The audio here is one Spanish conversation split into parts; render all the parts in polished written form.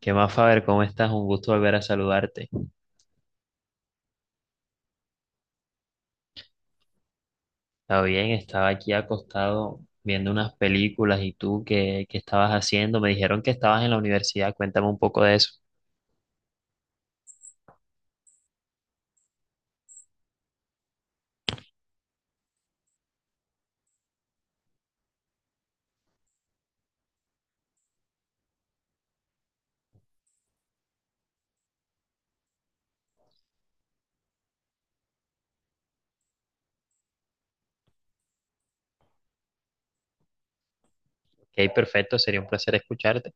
¿Qué más, Faber? ¿Cómo estás? Un gusto volver a saludarte. Está bien, estaba aquí acostado viendo unas películas y tú, ¿qué estabas haciendo? Me dijeron que estabas en la universidad, cuéntame un poco de eso. Ok, perfecto, sería un placer escucharte.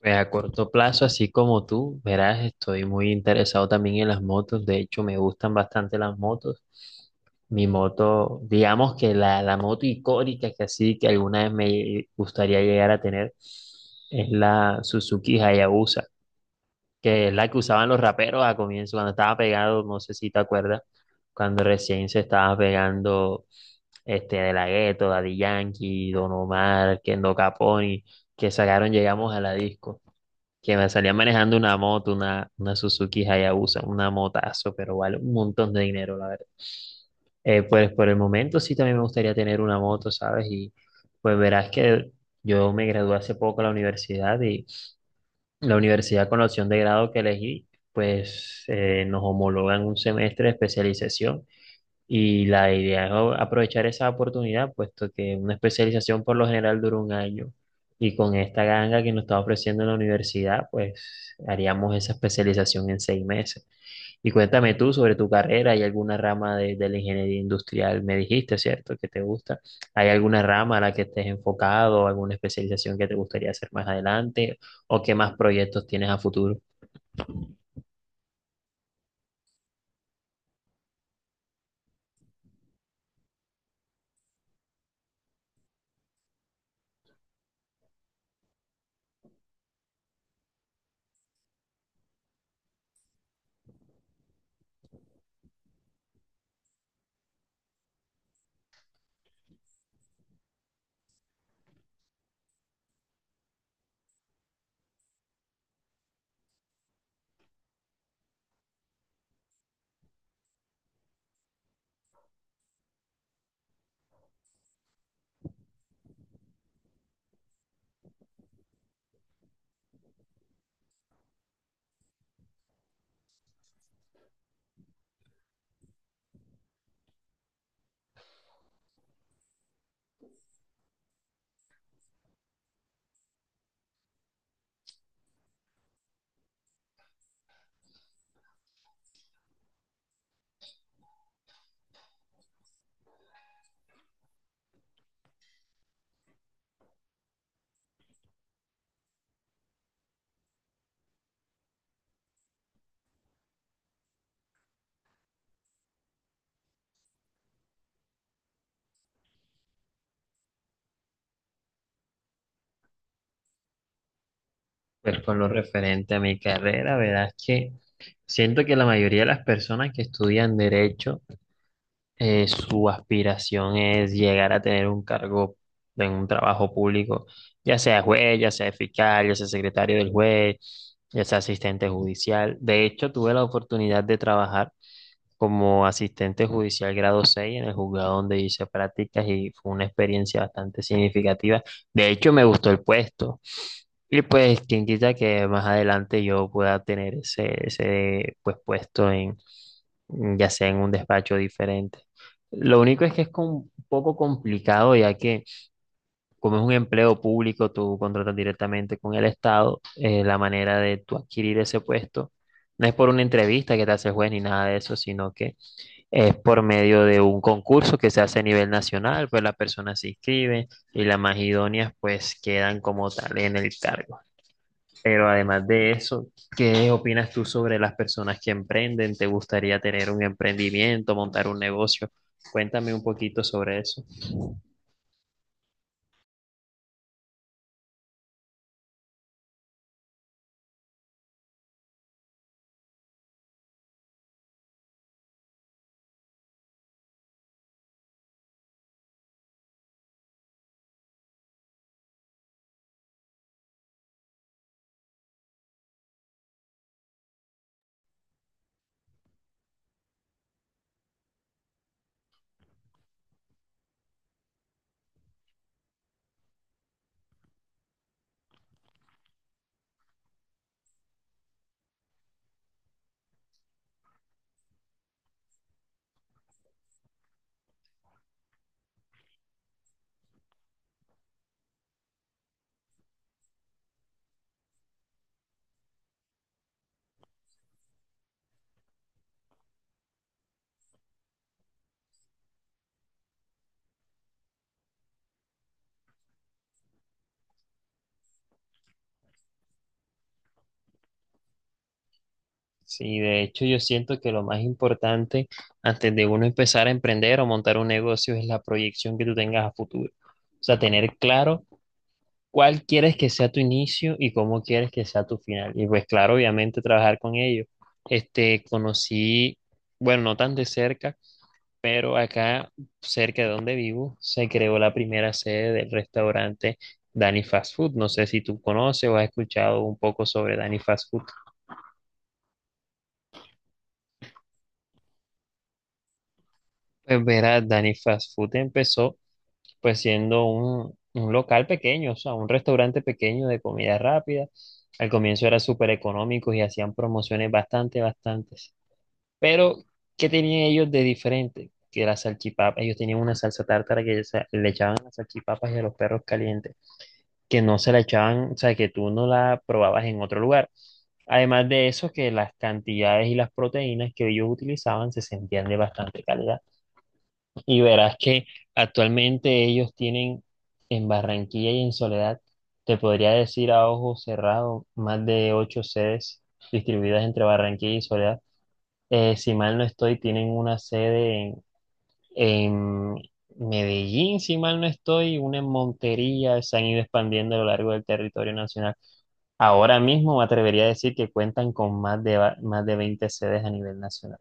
Pues a corto plazo, así como tú, verás, estoy muy interesado también en las motos, de hecho me gustan bastante las motos. Mi moto, digamos que la moto icónica que así que alguna vez me gustaría llegar a tener es la Suzuki Hayabusa, que es la que usaban los raperos a comienzo, cuando estaba pegado, no sé si te acuerdas, cuando recién se estaba pegando De La Ghetto, Daddy Yankee, Don Omar, Kendo Caponi, que sacaron Llegamos a la Disco, que me salían manejando una moto, una Suzuki Hayabusa, una motazo, pero vale un montón de dinero, la verdad. Pues por el momento sí también me gustaría tener una moto, ¿sabes? Y pues verás que yo me gradué hace poco de la universidad, y la universidad con la opción de grado que elegí, pues nos homologan un semestre de especialización. Y la idea es aprovechar esa oportunidad, puesto que una especialización por lo general dura un año. Y con esta ganga que nos está ofreciendo la universidad, pues haríamos esa especialización en 6 meses. Y cuéntame tú sobre tu carrera, ¿hay alguna rama de la ingeniería industrial? Me dijiste, ¿cierto?, que te gusta. ¿Hay alguna rama a la que estés enfocado, alguna especialización que te gustaría hacer más adelante? ¿O qué más proyectos tienes a futuro? Pues con lo referente a mi carrera, verás que siento que la mayoría de las personas que estudian derecho, su aspiración es llegar a tener un cargo en un trabajo público, ya sea juez, ya sea fiscal, ya sea secretario del juez, ya sea asistente judicial. De hecho, tuve la oportunidad de trabajar como asistente judicial grado 6 en el juzgado donde hice prácticas y fue una experiencia bastante significativa. De hecho, me gustó el puesto. Y pues, quien quita que más adelante yo pueda tener ese, ese puesto en, ya sea en un despacho diferente. Lo único es que es un poco complicado, ya que como es un empleo público, tú contratas directamente con el Estado. La manera de tú adquirir ese puesto no es por una entrevista que te hace el juez ni nada de eso, sino que es por medio de un concurso que se hace a nivel nacional: pues las personas se inscriben y las más idóneas pues quedan como tal en el cargo. Pero además de eso, ¿qué opinas tú sobre las personas que emprenden? ¿Te gustaría tener un emprendimiento, montar un negocio? Cuéntame un poquito sobre eso. Sí, de hecho yo siento que lo más importante antes de uno empezar a emprender o montar un negocio es la proyección que tú tengas a futuro. O sea, tener claro cuál quieres que sea tu inicio y cómo quieres que sea tu final. Y pues claro, obviamente trabajar con ellos. Este, conocí, bueno, no tan de cerca, pero acá, cerca de donde vivo, se creó la primera sede del restaurante Danny Fast Food. No sé si tú conoces o has escuchado un poco sobre Danny Fast Food. Pues verás, Danny Fast Food empezó pues siendo un local pequeño, o sea, un restaurante pequeño de comida rápida. Al comienzo era súper económico y hacían promociones bastante, bastantes. Pero, ¿qué tenían ellos de diferente? Que la salchipapa, ellos tenían una salsa tártara que le echaban a las salchipapas y a los perros calientes, que no se la echaban, o sea, que tú no la probabas en otro lugar. Además de eso, que las cantidades y las proteínas que ellos utilizaban se sentían de bastante calidad. Y verás que actualmente ellos tienen en Barranquilla y en Soledad, te podría decir a ojo cerrado, más de ocho sedes distribuidas entre Barranquilla y Soledad. Si mal no estoy, tienen una sede en Medellín; si mal no estoy, una en Montería. Se han ido expandiendo a lo largo del territorio nacional. Ahora mismo me atrevería a decir que cuentan con más de, más de 20 sedes a nivel nacional.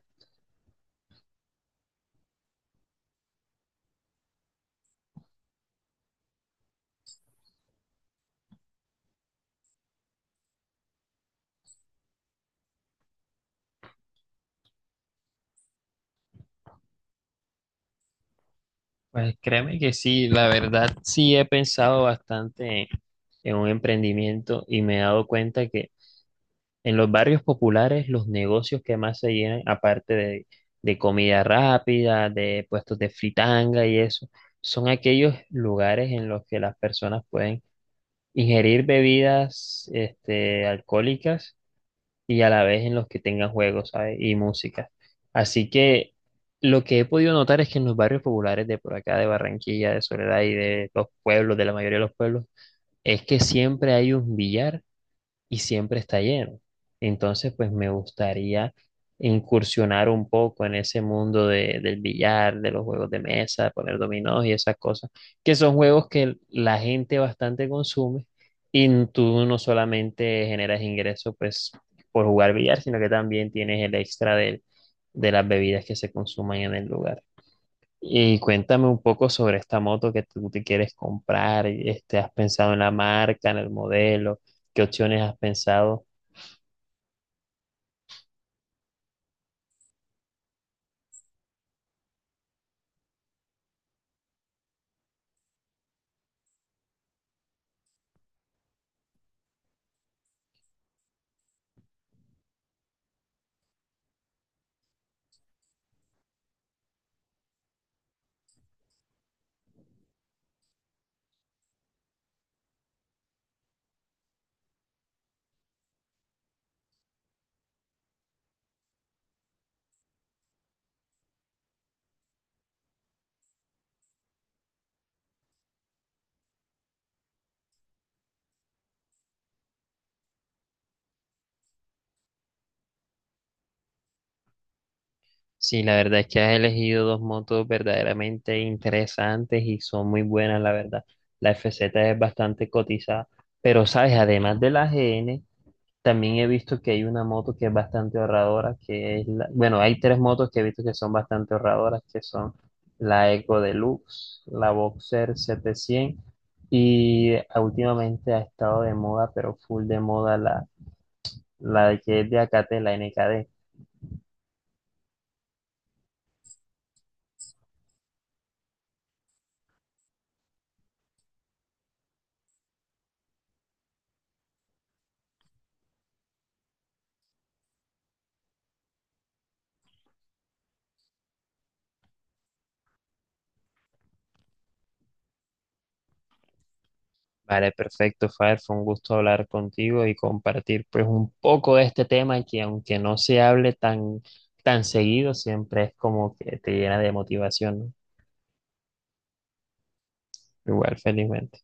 Pues créeme que sí, la verdad sí he pensado bastante en un emprendimiento, y me he dado cuenta que en los barrios populares los negocios que más se llenan, aparte de comida rápida, de puestos de fritanga y eso, son aquellos lugares en los que las personas pueden ingerir bebidas alcohólicas y a la vez en los que tengan juegos, ¿sabes? Y música. Así que lo que he podido notar es que en los barrios populares de por acá, de Barranquilla, de Soledad y de los pueblos, de la mayoría de los pueblos, es que siempre hay un billar y siempre está lleno. Entonces, pues me gustaría incursionar un poco en ese mundo del billar, de los juegos de mesa, poner dominós y esas cosas, que son juegos que la gente bastante consume, y tú no solamente generas ingresos pues por jugar billar, sino que también tienes el extra de las bebidas que se consuman en el lugar. Y cuéntame un poco sobre esta moto que tú te quieres comprar. Este, ¿has pensado en la marca, en el modelo? ¿Qué opciones has pensado? Sí, la verdad es que has elegido dos motos verdaderamente interesantes y son muy buenas, la verdad. La FZ es bastante cotizada, pero sabes, además de la GN, también he visto que hay una moto que es bastante ahorradora, que es la, bueno, hay tres motos que he visto que son bastante ahorradoras, que son la Eco Deluxe, la Boxer 700 y ah, últimamente ha estado de moda, pero full de moda, la de que es de Acate, la NKD. Vale, perfecto, Fire, fue un gusto hablar contigo y compartir pues un poco de este tema que, aunque no se hable tan, tan seguido, siempre es como que te llena de motivación, ¿no? Igual, felizmente.